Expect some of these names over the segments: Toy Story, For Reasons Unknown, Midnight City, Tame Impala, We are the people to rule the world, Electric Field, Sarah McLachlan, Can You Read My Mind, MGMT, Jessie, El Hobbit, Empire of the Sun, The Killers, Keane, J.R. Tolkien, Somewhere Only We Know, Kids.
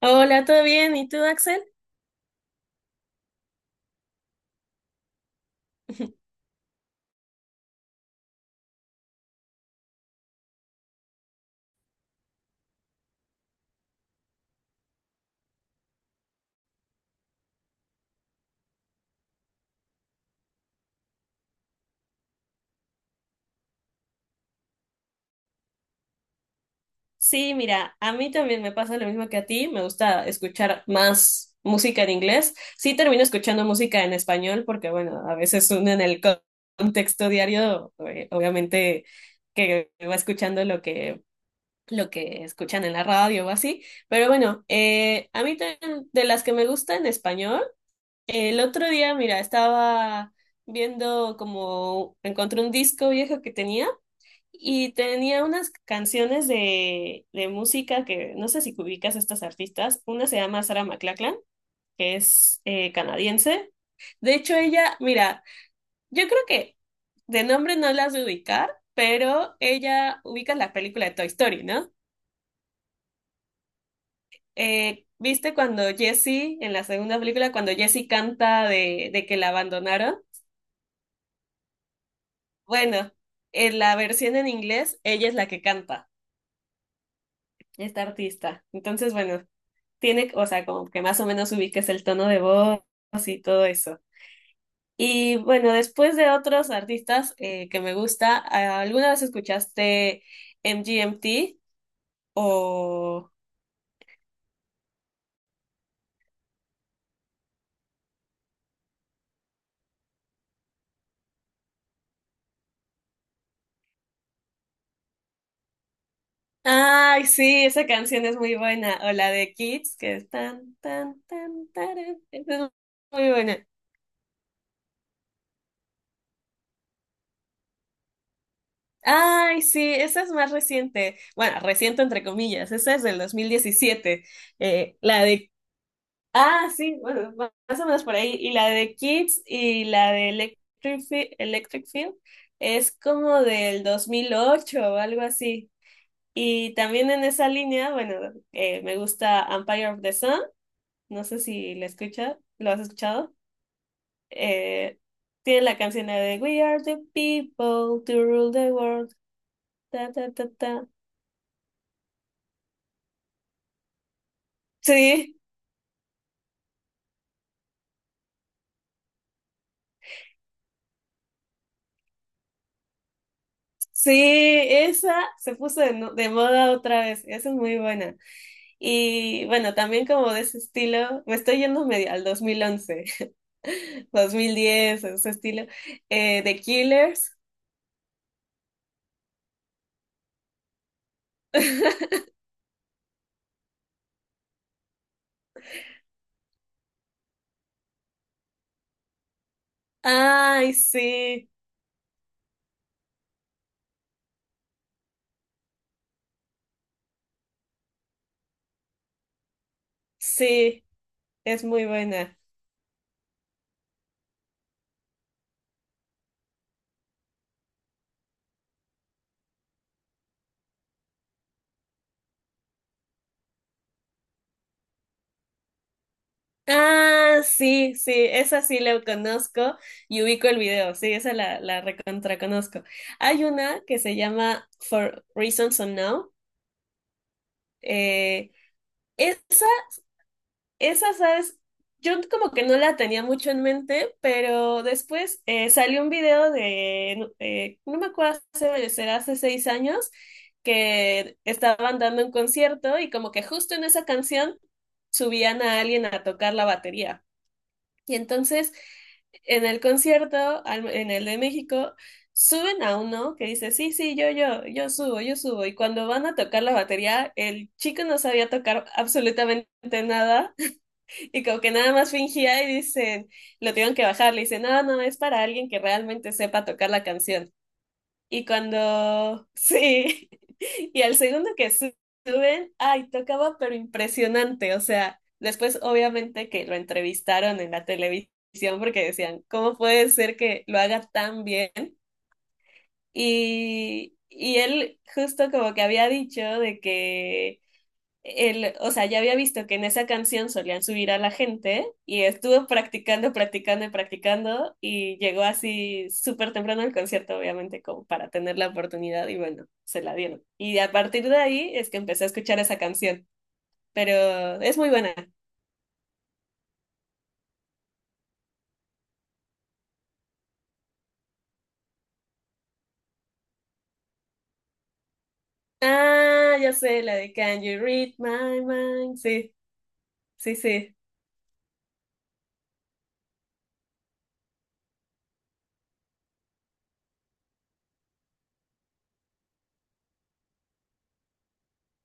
Hola, ¿todo bien? ¿Y tú, Axel? Sí, mira, a mí también me pasa lo mismo que a ti. Me gusta escuchar más música en inglés. Sí, termino escuchando música en español porque, bueno, a veces uno en el contexto diario, obviamente, que va escuchando lo que escuchan en la radio o así. Pero bueno, a mí también de las que me gusta en español, el otro día, mira, estaba viendo como encontré un disco viejo que tenía. Y tenía unas canciones de música que no sé si ubicas a estas artistas. Una se llama Sarah McLachlan, que es canadiense. De hecho, ella, mira, yo creo que de nombre no las de ubicar, pero ella ubica la película de Toy Story, ¿no? ¿Viste cuando Jessie, en la segunda película, cuando Jessie canta de que la abandonaron? Bueno, en la versión en inglés, ella es la que canta, esta artista. Entonces, bueno, tiene, o sea, como que más o menos ubiques el tono de voz y todo eso. Y bueno, después de otros artistas que me gusta, ah, ¿alguna vez escuchaste MGMT? O... Ay, sí, esa canción es muy buena. O la de Kids, que es tan, tan, tan, taran. Esa es muy buena. Ay, sí, esa es más reciente. Bueno, reciente entre comillas, esa es del 2017. La de Ah, sí, bueno, más o menos por ahí. Y la de Kids y la de Electric Field es como del 2008 o algo así. Y también en esa línea, bueno, me gusta Empire of the Sun. No sé si la escucha, lo has escuchado. Eh, tiene la canción de We are the people to rule the world. Ta, ta, ta, ta. Sí, sí, esa se puso de, no- de moda otra vez. Esa es muy buena. Y bueno, también como de ese estilo, me estoy yendo medio al 2011, 2010, ese estilo, The Killers. Ay, sí, sí, es muy buena. Ah, sí, sí, esa sí la conozco y ubico el video, sí, esa la recontra conozco. Hay una que se llama For Reasons Unknown. eh, esa Esa, ¿sabes? Yo como que no la tenía mucho en mente, pero después salió un video de, no me acuerdo, hace, será hace 6 años, que estaban dando un concierto y como que justo en esa canción subían a alguien a tocar la batería. Y entonces en el concierto, en el de México, suben a uno que dice, sí, sí, yo subo, yo subo. Y cuando van a tocar la batería, el chico no sabía tocar absolutamente nada y como que nada más fingía y dicen, lo tuvieron que bajar, le dicen, no, no, es para alguien que realmente sepa tocar la canción. Y cuando, sí, y al segundo que suben, ay, tocaba, pero impresionante. O sea, después obviamente que lo entrevistaron en la televisión porque decían, ¿cómo puede ser que lo haga tan bien? Y él justo como que había dicho de que el, o sea, ya había visto que en esa canción solían subir a la gente y estuve practicando y practicando y llegó así súper temprano al concierto, obviamente, como para tener la oportunidad y bueno, se la dieron. Y a partir de ahí es que empecé a escuchar esa canción, pero es muy buena. Ah, ya sé, la de Can You Read My Mind? Sí, sí, sí.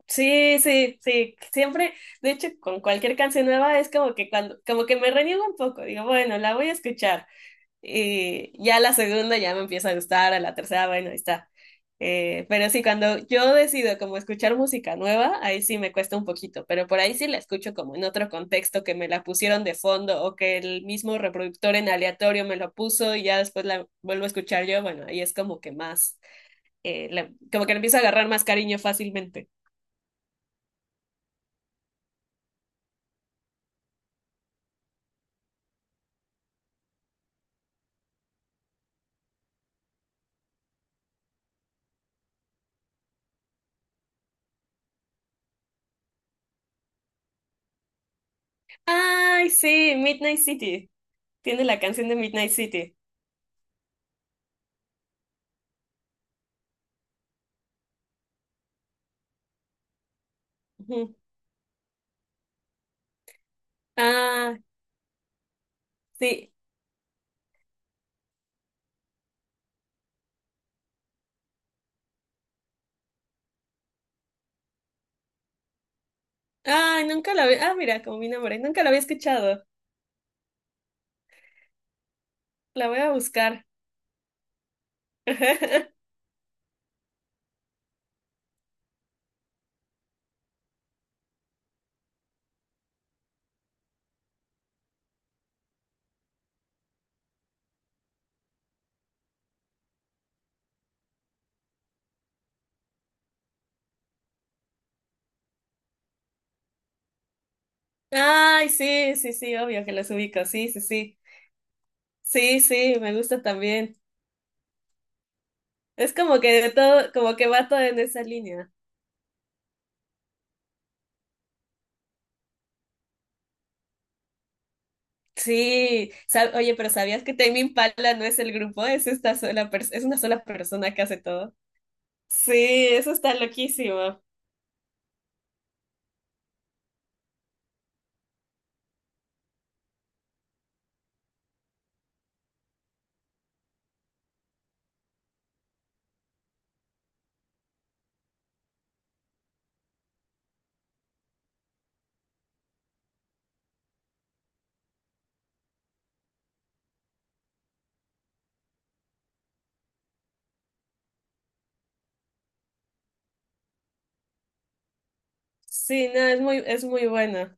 Sí, sí, sí. Siempre, de hecho, con cualquier canción nueva es como que cuando, como que me reniego un poco. Digo, bueno, la voy a escuchar. Y ya la segunda ya me empieza a gustar, a la tercera, bueno, ahí está. Pero sí, cuando yo decido como escuchar música nueva, ahí sí me cuesta un poquito, pero por ahí sí la escucho como en otro contexto, que me la pusieron de fondo o que el mismo reproductor en aleatorio me lo puso y ya después la vuelvo a escuchar yo, bueno, ahí es como que más, como que le empiezo a agarrar más cariño fácilmente. Ay, sí, Midnight City. Tiene la canción de Midnight City. Ujú. Ah, sí, ay, nunca la había. Ah, mira, como mi nombre. Nunca la había escuchado. La voy a buscar. Ay, sí, sí, sí, obvio que los ubico. Sí, sí, sí. Sí, sí, me gusta también. Es como que de todo, como que va todo en esa línea. Sí. Oye, pero ¿sabías que Tame Impala no es el grupo? Es esta es una sola persona que hace todo. Sí, eso está loquísimo. Sí, no, es muy bueno.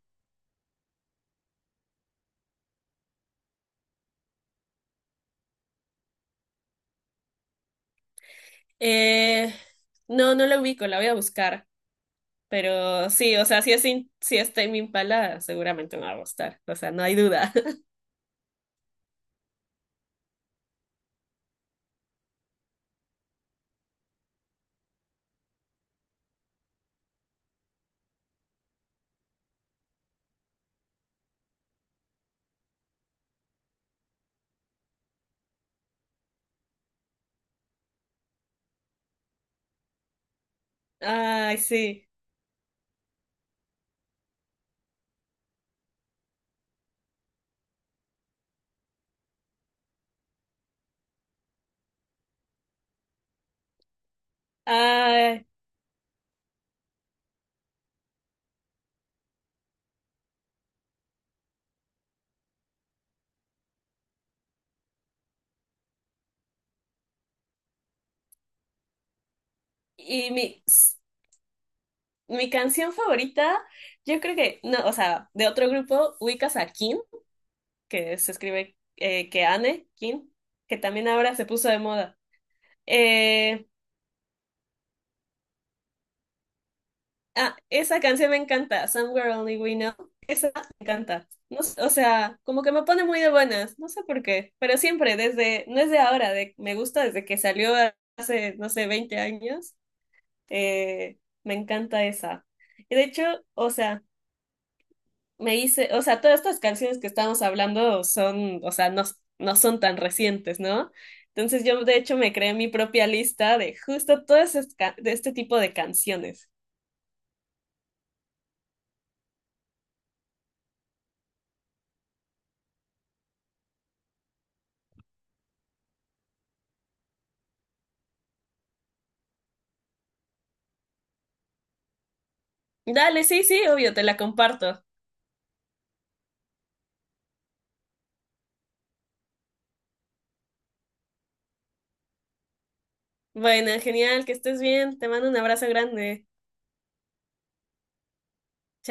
Eh, no, no la ubico, la voy a buscar. Pero sí, o sea, si es Tame Impala, seguramente me va a gustar. O sea, no hay duda. Ay, sí. Ay, y mi, s- mi canción favorita, yo creo que, no, o sea, de otro grupo, ubicas a Kin, que se escribe Keane, Kin, que también ahora se puso de moda. Eh, Ah, esa canción me encanta, Somewhere Only We Know. Esa me encanta. No, sé, o sea, como que me pone muy de buenas, no sé por qué, pero siempre, desde, no es de ahora, de, me gusta desde que salió hace, no sé, 20 años, eh, me encanta esa. Y de hecho, o sea, me hice, o sea, todas estas canciones que estamos hablando son, o sea, no, no son tan recientes, ¿no? Entonces yo, de hecho, me creé mi propia lista de justo todo ese de este tipo de canciones. Dale, sí, sí, obvio, te la comparto. Bueno, genial, que estés bien. Te mando un abrazo grande.